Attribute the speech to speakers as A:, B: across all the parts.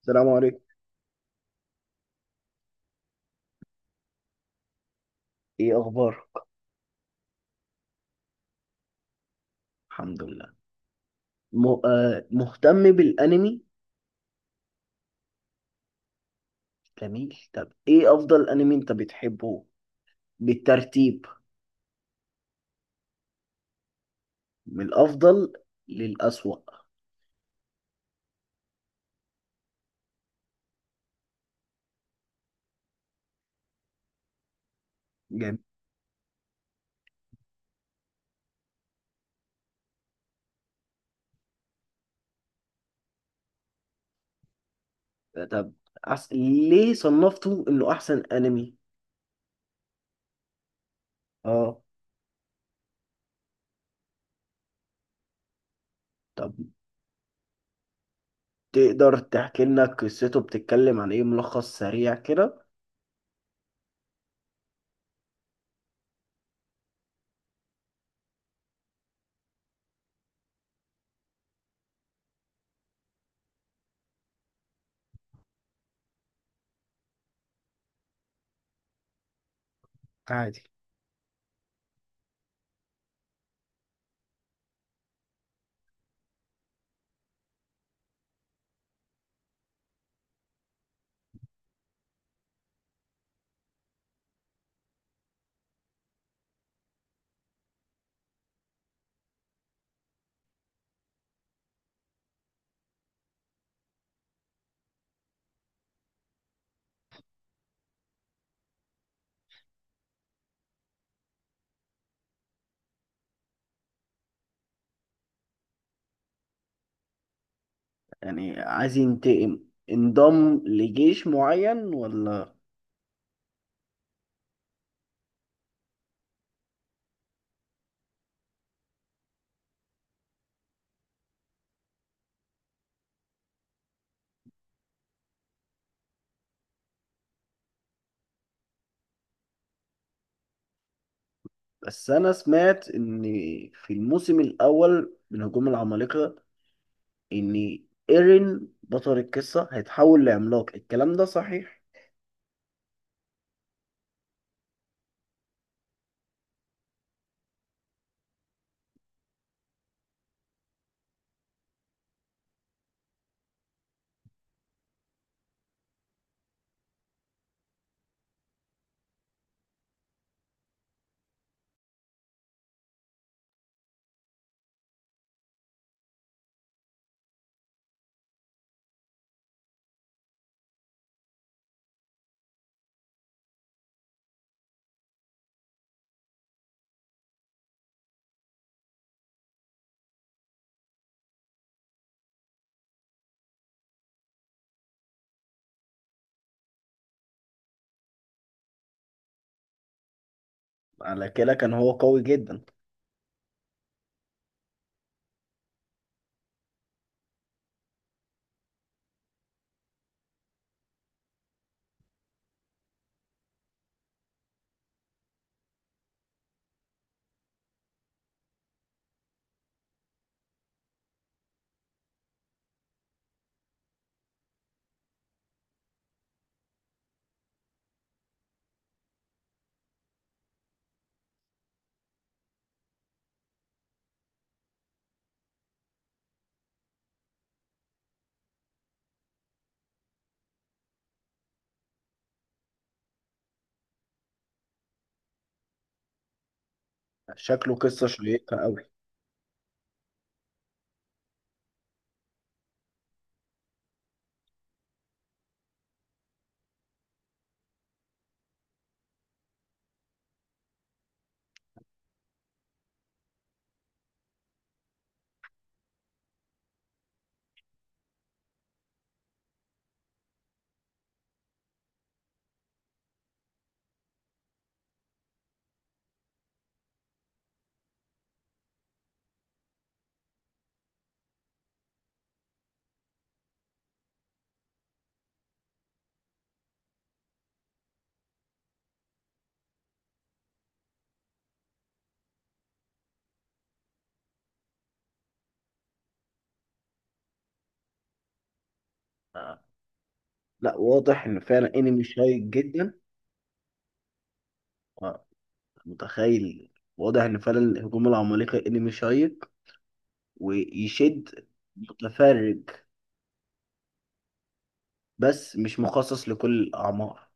A: السلام عليكم. ايه اخبارك؟ الحمد لله. م... آه مهتم بالانمي. جميل، طب ايه افضل انمي انت بتحبه بالترتيب، من الافضل للاسوأ؟ جميل. طب ليه صنفته انه احسن انمي؟ اه. طب تقدر تحكي لنا قصته، بتتكلم عن ايه، ملخص سريع كده؟ عادي. يعني عايز ينتقم، انضم لجيش معين ولا؟ بس انا سمعت ان في الموسم الاول من هجوم العمالقه، ان ايرين بطل القصه هيتحول لعملاق، الكلام ده صحيح؟ على كده كان هو قوي جدا. شكله قصه شيقه قوي. آه. لا واضح ان فعلا انمي شيق جدا. آه. متخيل. واضح ان فعلا هجوم العمالقه انمي شيق ويشد متفرج، بس مش مخصص لكل الاعمار.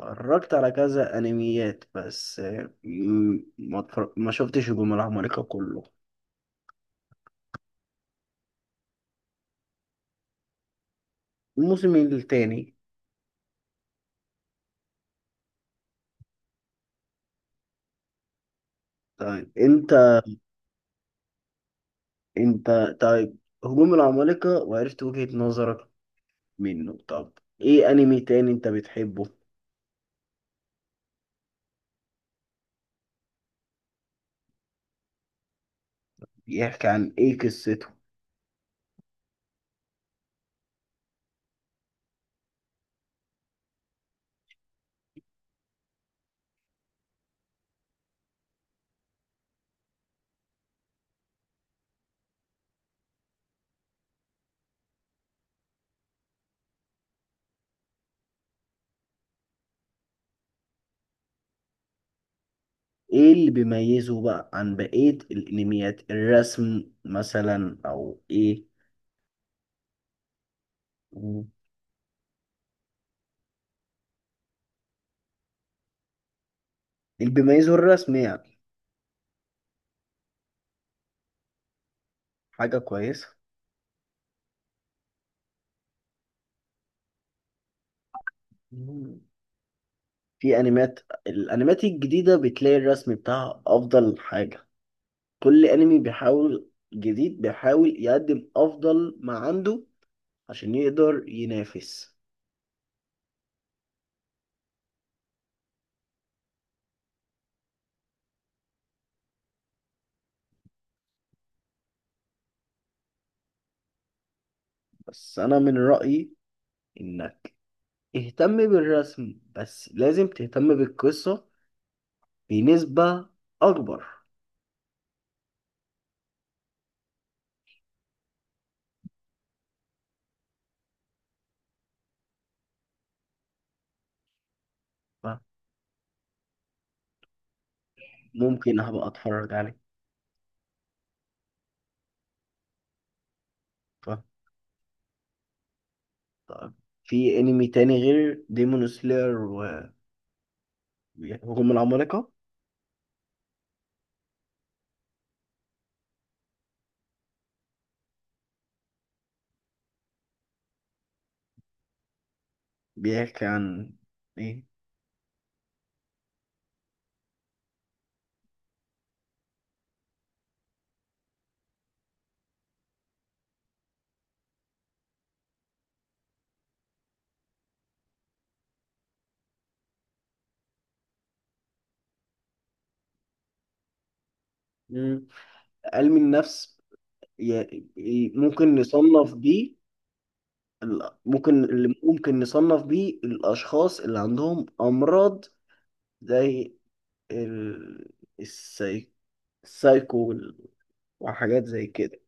A: اتفرجت على كذا انميات بس ما شفتش هجوم العمالقة كله. الموسم التاني. طيب انت، انت طيب هجوم العمالقة وعرفت وجهة نظرك منه، طب ايه انمي تاني انت بتحبه؟ بيحكي عن ايه قصته؟ ايه اللي بيميزه بقى عن بقية الانميات، الرسم مثلا او ايه؟ اللي بيميزه الرسم يعني. حاجة كويسة. في انميات، الانميات الجديده بتلاقي الرسم بتاعها افضل حاجه. كل انمي بيحاول، جديد بيحاول يقدم افضل ما عنده عشان يقدر ينافس. بس انا من رايي انك اهتم بالرسم، بس لازم تهتم بالقصه بنسبه اكبر. ف- ممكن هبقى اتفرج عليه. ف- طيب. في انمي تاني غير ديمون سلاير وهجوم العمالقه بيحكي عن ايه؟ مم. علم النفس، ممكن نصنف بيه، ممكن اللي ممكن نصنف بيه الأشخاص اللي عندهم أمراض زي ال... السي... السايكو وحاجات زي كده.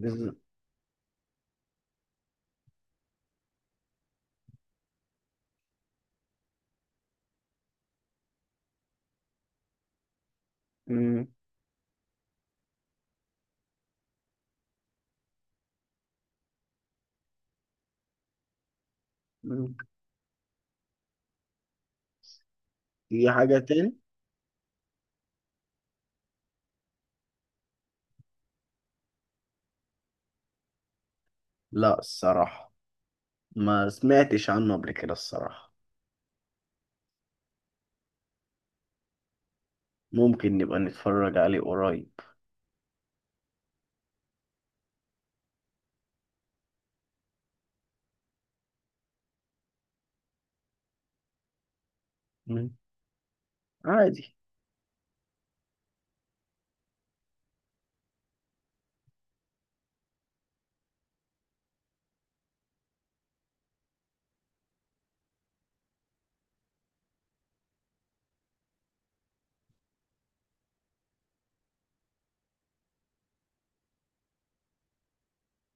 A: بز... مم. مم. في حاجة تاني؟ لا الصراحة، ما سمعتش عنه قبل كده الصراحة. ممكن نبقى نتفرج عليه قريب. مم. عادي.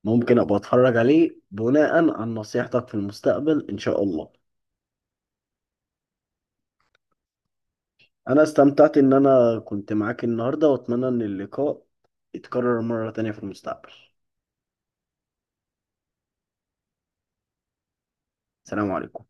A: ممكن أبقى أتفرج عليه بناء عن نصيحتك في المستقبل إن شاء الله. انا استمتعت ان انا كنت معاك النهارده، واتمنى ان اللقاء يتكرر مرة تانية في المستقبل. سلام عليكم.